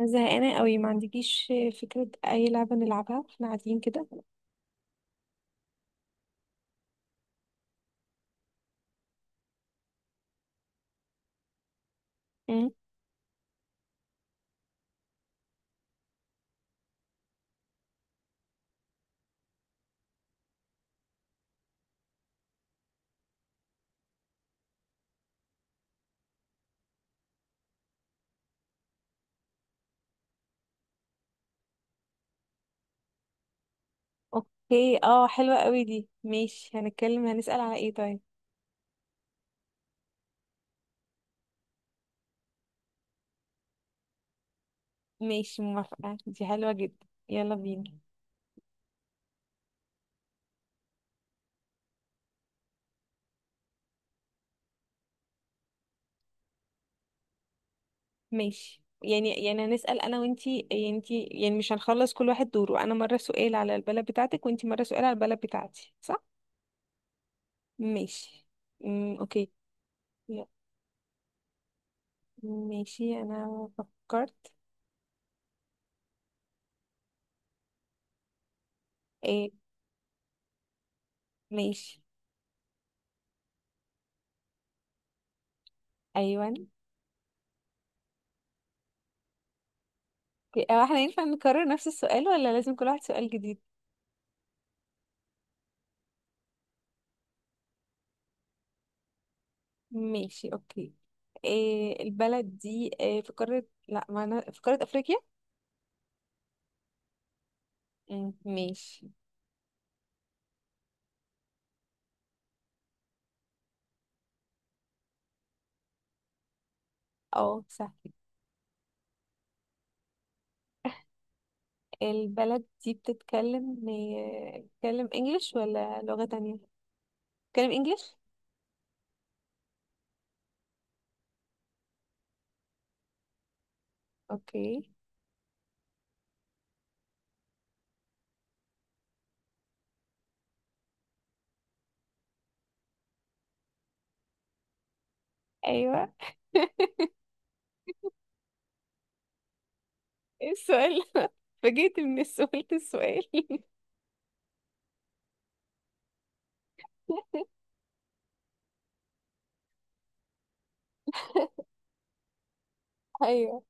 أنا زهقانة قوي، ما عندكيش فكرة أي لعبة نلعبها واحنا قاعدين كده. مم. اوكي، اه حلوة قوي دي، ماشي هنتكلم. هنسأل على ايه طيب؟ ماشي موافقة، دي حلوة جدا، يلا بينا. ماشي، يعني هنسأل انا وانتي، يعني انتي يعني مش هنخلص؟ كل واحد دوره، انا مرة سؤال على البلد بتاعتك وانتي مرة سؤال على البلد بتاعتي، صح؟ ماشي. اوكي. يلا. ماشي انا فكرت. ايه؟ ماشي. ايوه. اوكي، هو احنا ينفع نكرر نفس السؤال ولا لازم كل واحد سؤال جديد؟ ماشي اوكي. إيه البلد دي، إيه؟ في قارة، لا، ما انا في قارة افريقيا. مم، ماشي. اه سهل. البلد دي بتتكلم إيه، بتتكلم انجلش ولا لغة تانية؟ بتتكلم انجلش؟ اوكي. ايوه. ايه السؤال ده؟ فجيت من السؤال ايوه.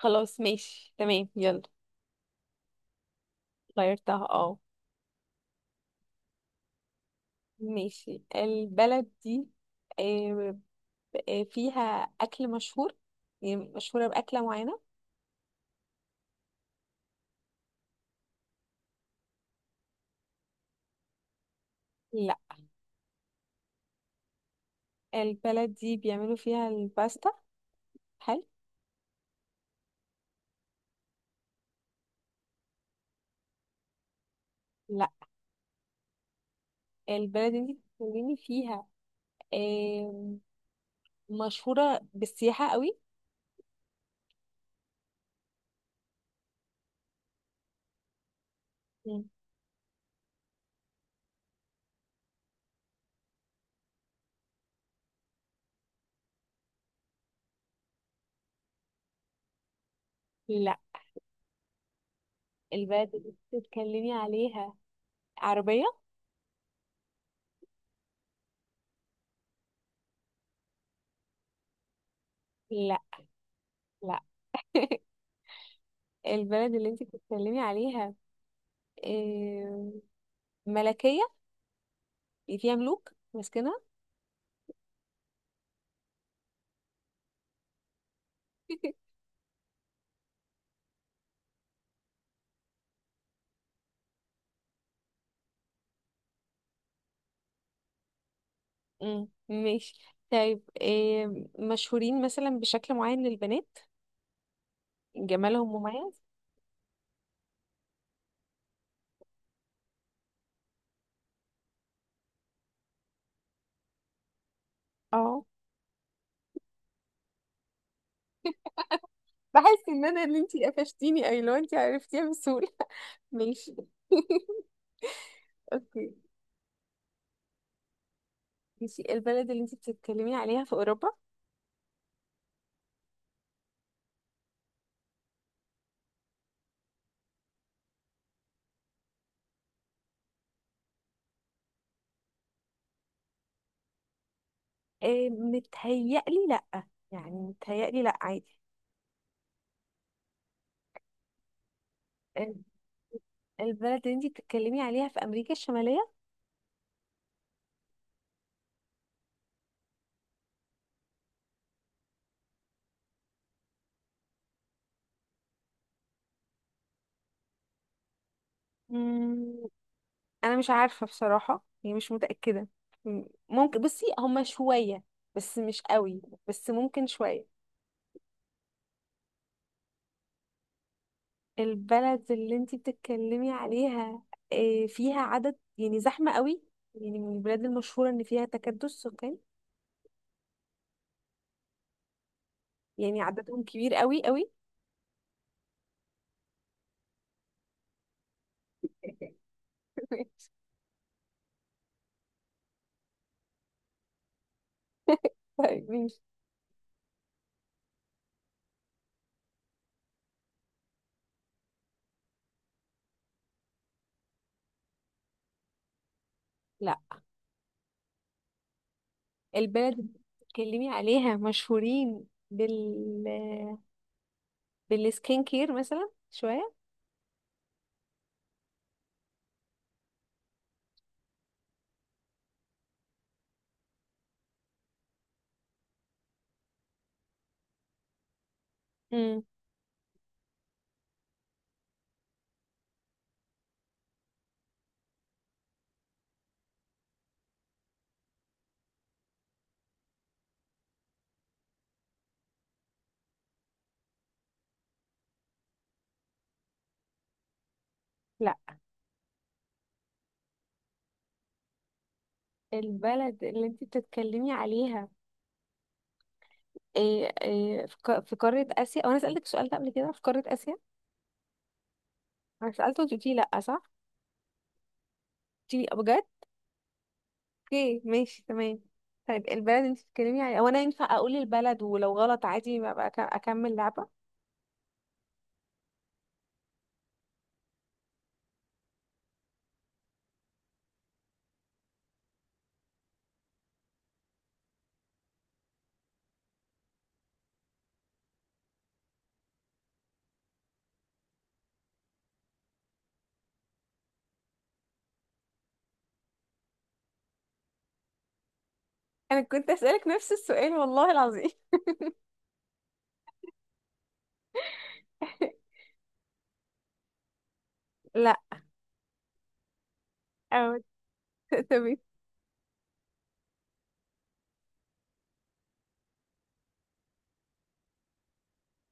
خلاص ماشي تمام، يلا. غيرتها اه. ماشي. البلد دي آه، فيها أكل مشهور، يعني مشهورة بأكلة معينة. لا. البلد دي بيعملوا فيها الباستا؟ هل؟ لا. البلد دي بتتكلمي فيها؟ آم، مشهورة بالسياحة قوي. مم. لا. البلد اللي انت بتتكلمي عليها عربية؟ لا. لا. البلد اللي انت بتتكلمي عليها آم، ملكية؟ يعني فيها ملوك ماسكنها؟ مم، ماشي. طيب مشهورين مثلا بشكل معين للبنات، جمالهم مميز؟ اه. بحس ان انا اللي انتي قفشتيني، اي لو انتي عرفتيها بسهولة. ماشي. اوكي. ماشي. البلد اللي انت بتتكلمي عليها في اوروبا؟ متهيألي لأ، يعني متهيألي لأ عادي. آه، البلد اللي انت بتتكلمي عليها في امريكا الشمالية؟ مم، انا مش عارفة بصراحة، يعني مش متأكدة. مم، ممكن، بصي هما شوية بس مش قوي، بس ممكن شوية. البلد اللي انتي بتتكلمي عليها فيها عدد يعني زحمة قوي، يعني من البلاد المشهورة ان فيها تكدس سكان، يعني عددهم كبير قوي قوي. ماشي. طيب ماشي. لا. البلد اللي بتتكلمي عليها مشهورين بال بالسكين كير مثلا شوية. امم. لا. البلد اللي انتي بتتكلمي عليها، إيه إيه في في قارة آسيا؟ أو أنا سألتك السؤال ده قبل كده، في قارة آسيا؟ أنا سألته وأنت قلتي لأ، صح؟ قلتي لي بجد؟ اوكي ماشي تمام. طيب البلد انت بتتكلمي، يعني او انا ينفع اقول البلد ولو غلط عادي ما بقى اكمل لعبة؟ انا كنت اسالك نفس السؤال والله العظيم. لا. أو... تمام.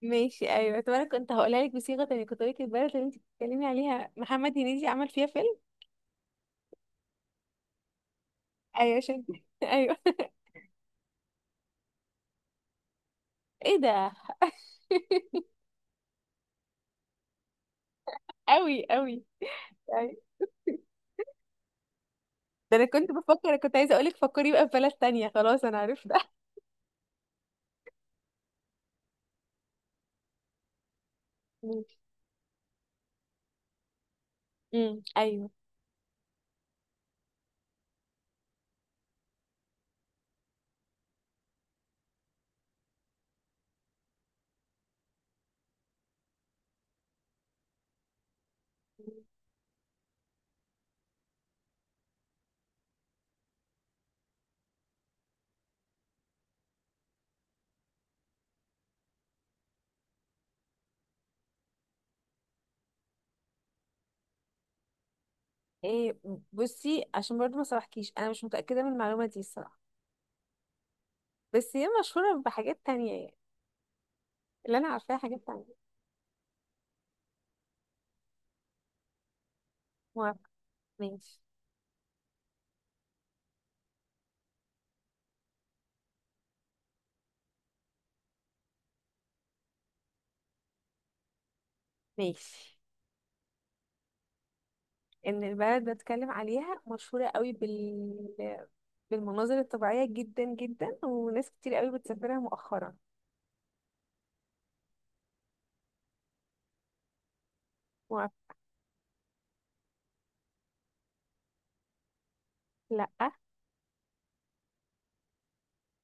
ماشي ايوه. طب انا كنت هقولها لك بصيغة تانية، كنت هقول لك البلد اللي انت بتتكلمي عليها محمد هنيدي عمل فيها فيلم. ايوه عشان ايوه. ايه ده؟ قوي قوي يعني. ده انا كنت بفكر، كنت عايزه اقولك فكري بقى في بلد تانية، خلاص انا عرفت. ماشي. ايوه. إيه؟ بصي عشان برضو ما صرحكيش، انا مش متاكده من المعلومه دي الصراحه، بس هي مشهوره بحاجات تانية يعني، اللي انا عارفاها حاجات تانية. موافقه. ماشي. ماشي. ان البلد بتكلم عليها مشهوره قوي بالمناظر الطبيعيه جدا جدا، وناس كتير قوي بتسافرها مؤخرا. موافقه. لا.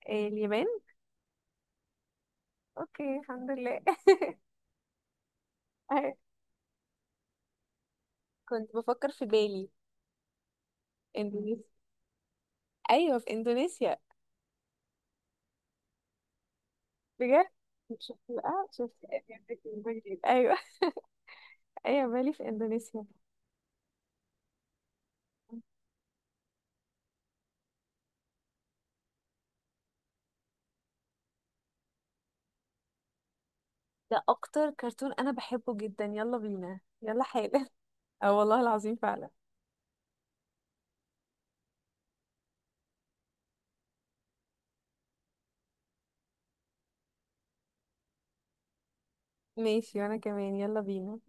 إيه، اليابان؟ اوكي الحمد لله. أهي، كنت بفكر في بالي. اندونيسيا، ايوه في اندونيسيا. بجد؟ شفت بقى، شفت. ايوه. ايه، بالي في اندونيسيا. ده اكتر كرتون انا بحبه جدا، يلا بينا يلا حالا. اه والله العظيم فعلا. ماشي وانا كمان، يلا بينا.